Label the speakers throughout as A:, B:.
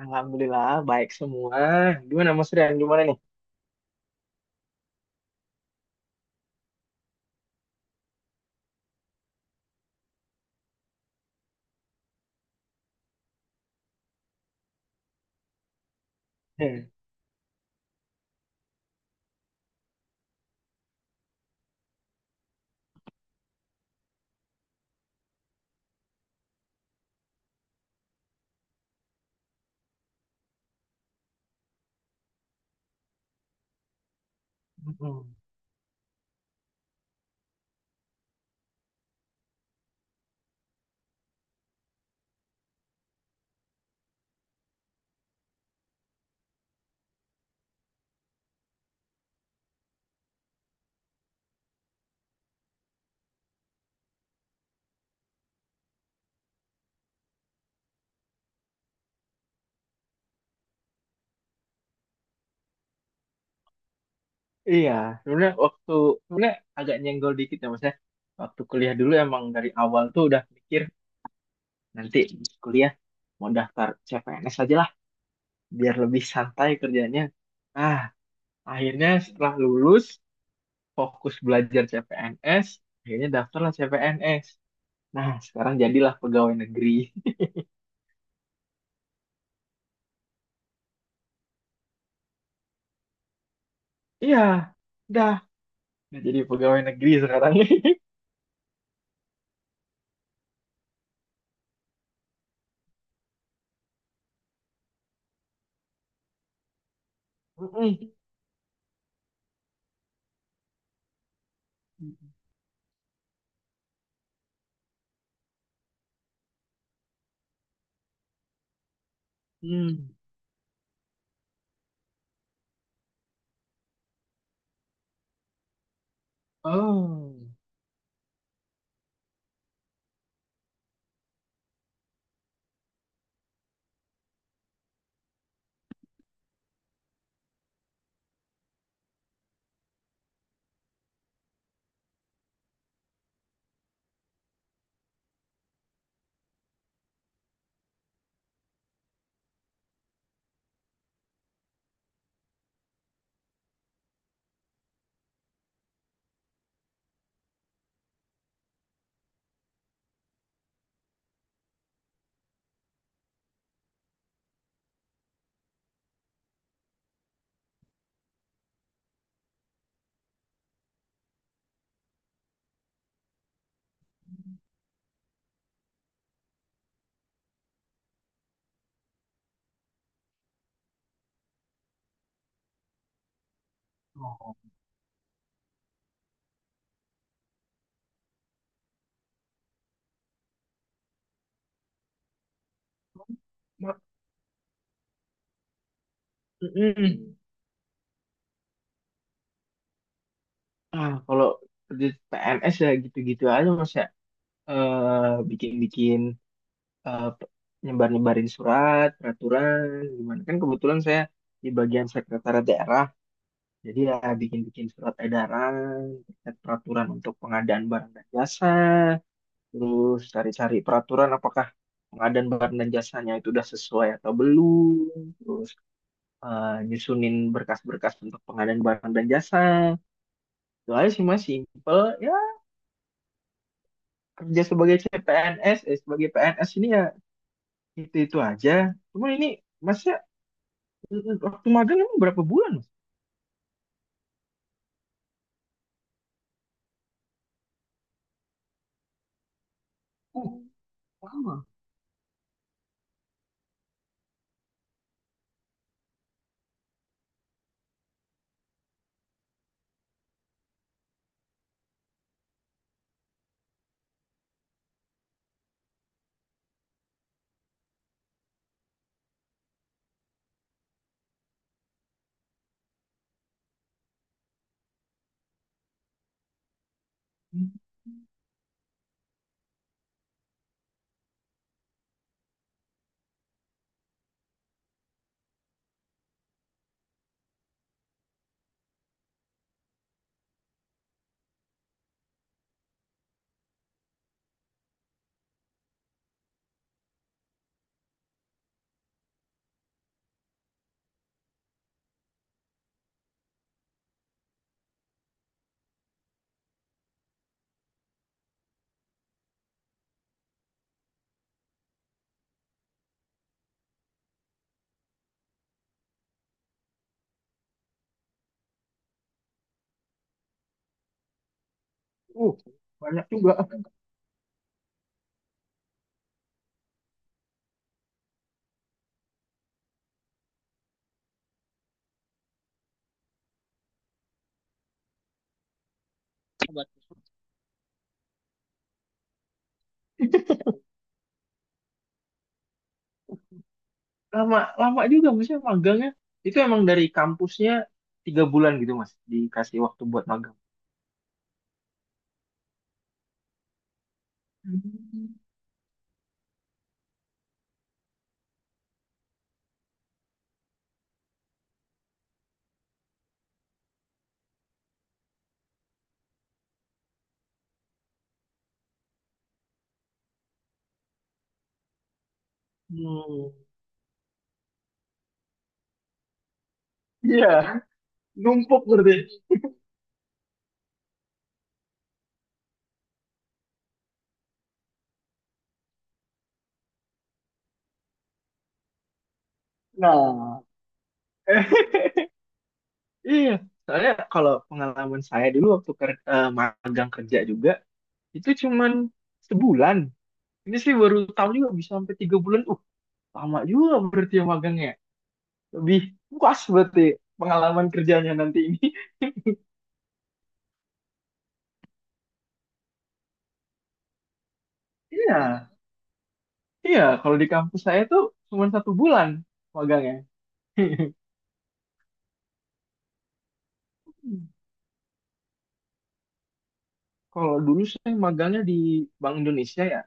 A: Alhamdulillah baik semua. Gimana Mas Rian? Gimana nih? Hmm. Mm-mm. Iya, sebenarnya sebenarnya agak nyenggol dikit ya Mas ya. Waktu kuliah dulu emang dari awal tuh udah mikir nanti kuliah mau daftar CPNS aja lah biar lebih santai kerjanya. Ah, Akhirnya setelah lulus fokus belajar CPNS, akhirnya daftarlah CPNS. Nah, sekarang jadilah pegawai negeri. Iya, udah, udah jadi pegawai negeri sekarang. Mm-mm. Hmm. Oh. Oh. Ma- Mm-mm. Ah, kalau kerja PNS ya gitu-gitu aja Mas ya. Bikin-bikin eh, pe- nyebar-nyebarin surat, peraturan, gimana. Kan kebetulan saya di bagian sekretariat daerah. Jadi ya bikin-bikin surat edaran, terkait peraturan untuk pengadaan barang dan jasa, terus cari-cari peraturan apakah pengadaan barang dan jasanya itu udah sesuai atau belum, terus nyusunin berkas-berkas untuk pengadaan barang dan jasa. Itu aja sih mas, simple. Ya kerja sebagai sebagai PNS ini ya itu-itu aja. Cuma ini masnya waktu magang emang berapa bulan mas? Uh, lama. Uh, banyak juga. Obat. Lama, lama juga masnya magangnya. Itu emang dari kampusnya 3 bulan gitu mas, dikasih waktu buat magang. Hmm. Hmm. Iya, numpuk berarti. Nah, Iya, soalnya kalau pengalaman saya dulu waktu magang kerja juga itu cuman sebulan. Ini sih baru tahu juga bisa sampai 3 bulan. Lama juga berarti ya magangnya. Lebih puas berarti pengalaman kerjanya nanti ini. Iya, iya. Kalau di kampus saya tuh cuma 1 bulan magangnya. Kalau dulu saya magangnya di Bank Indonesia ya.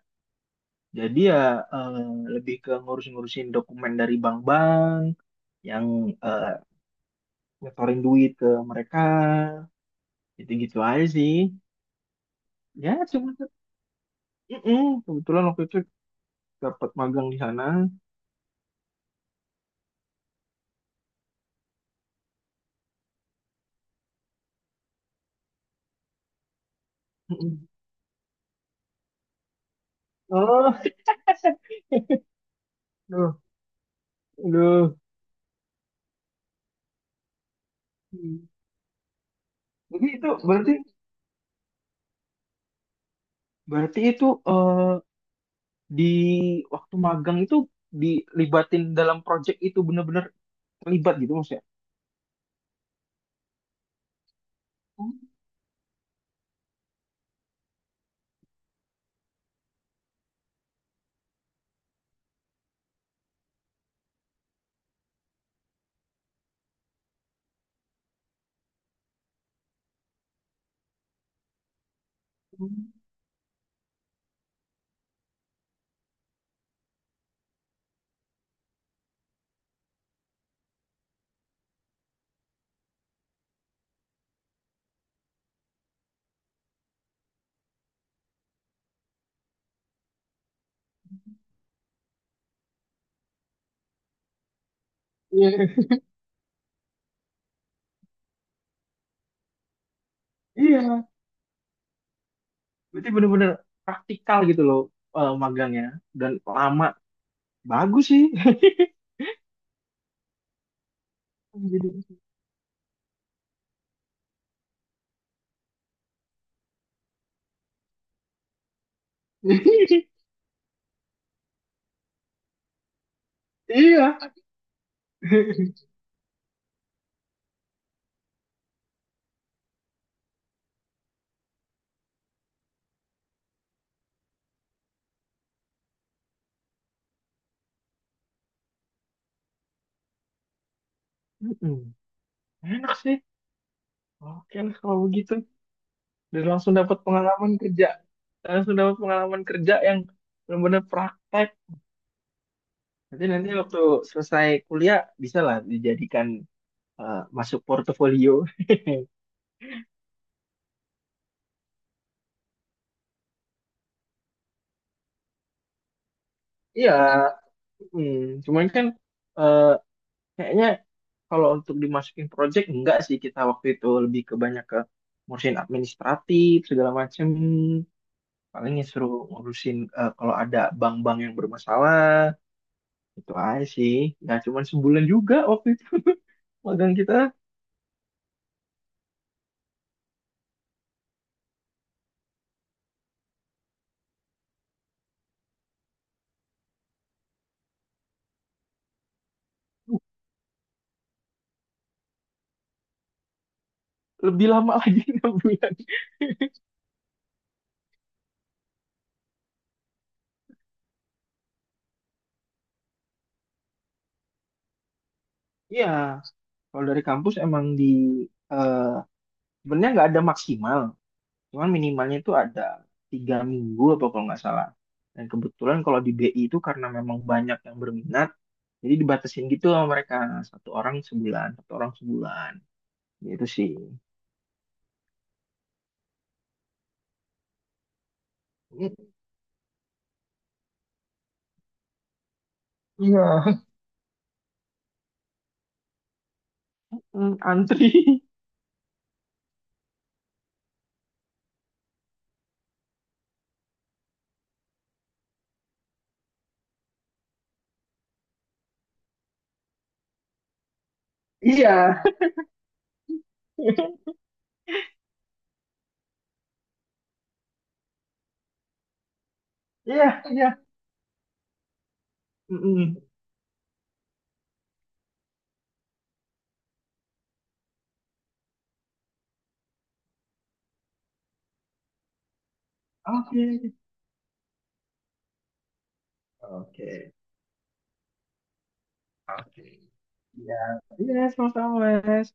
A: Jadi ya eh, lebih ke ngurus-ngurusin dokumen dari bank-bank yang eh, nyetorin duit ke mereka gitu-gitu aja sih ya cuma kebetulan waktu itu dapat magang di sana. Mm-mm. Oh. Aduh. Aduh. Hmm. Jadi itu berarti, berarti itu eh, di waktu magang itu dilibatin dalam project itu benar-benar terlibat gitu maksudnya. Hmm. Iya, iya, berarti benar-benar praktikal gitu loh magangnya, dan lama, bagus sih. Jadi- Iya, Mm-mm. Enak sih. Oke lah kalau begitu. Dan langsung dapat pengalaman kerja. Langsung dapat pengalaman kerja yang benar-benar praktek. Nanti nanti waktu selesai kuliah bisa lah dijadikan masuk portofolio. Iya. Mm. Cuman kan eh, kayaknya kalau untuk dimasukin project enggak sih, kita waktu itu lebih ke banyak ke ngurusin administratif segala macem. Paling ya suruh ngurusin kalau ada bank-bank yang bermasalah. Itu aja sih. Nggak cuma sebulan juga waktu itu. Magang kita lebih lama lagi, 6 bulan. Iya, kalau dari kampus emang di eh, sebenarnya nggak ada maksimal, cuman minimalnya itu ada 3 minggu apa kalau nggak salah. Dan kebetulan kalau di BI itu karena memang banyak yang berminat, jadi dibatasin gitu sama mereka, satu orang sebulan, satu orang sebulan. Gitu sih. I- Iya, Hmm, antri. Iya, iya, iya. Mm-mm. Oke. Oke. Oke. Ya, iya sama-sama, Mas.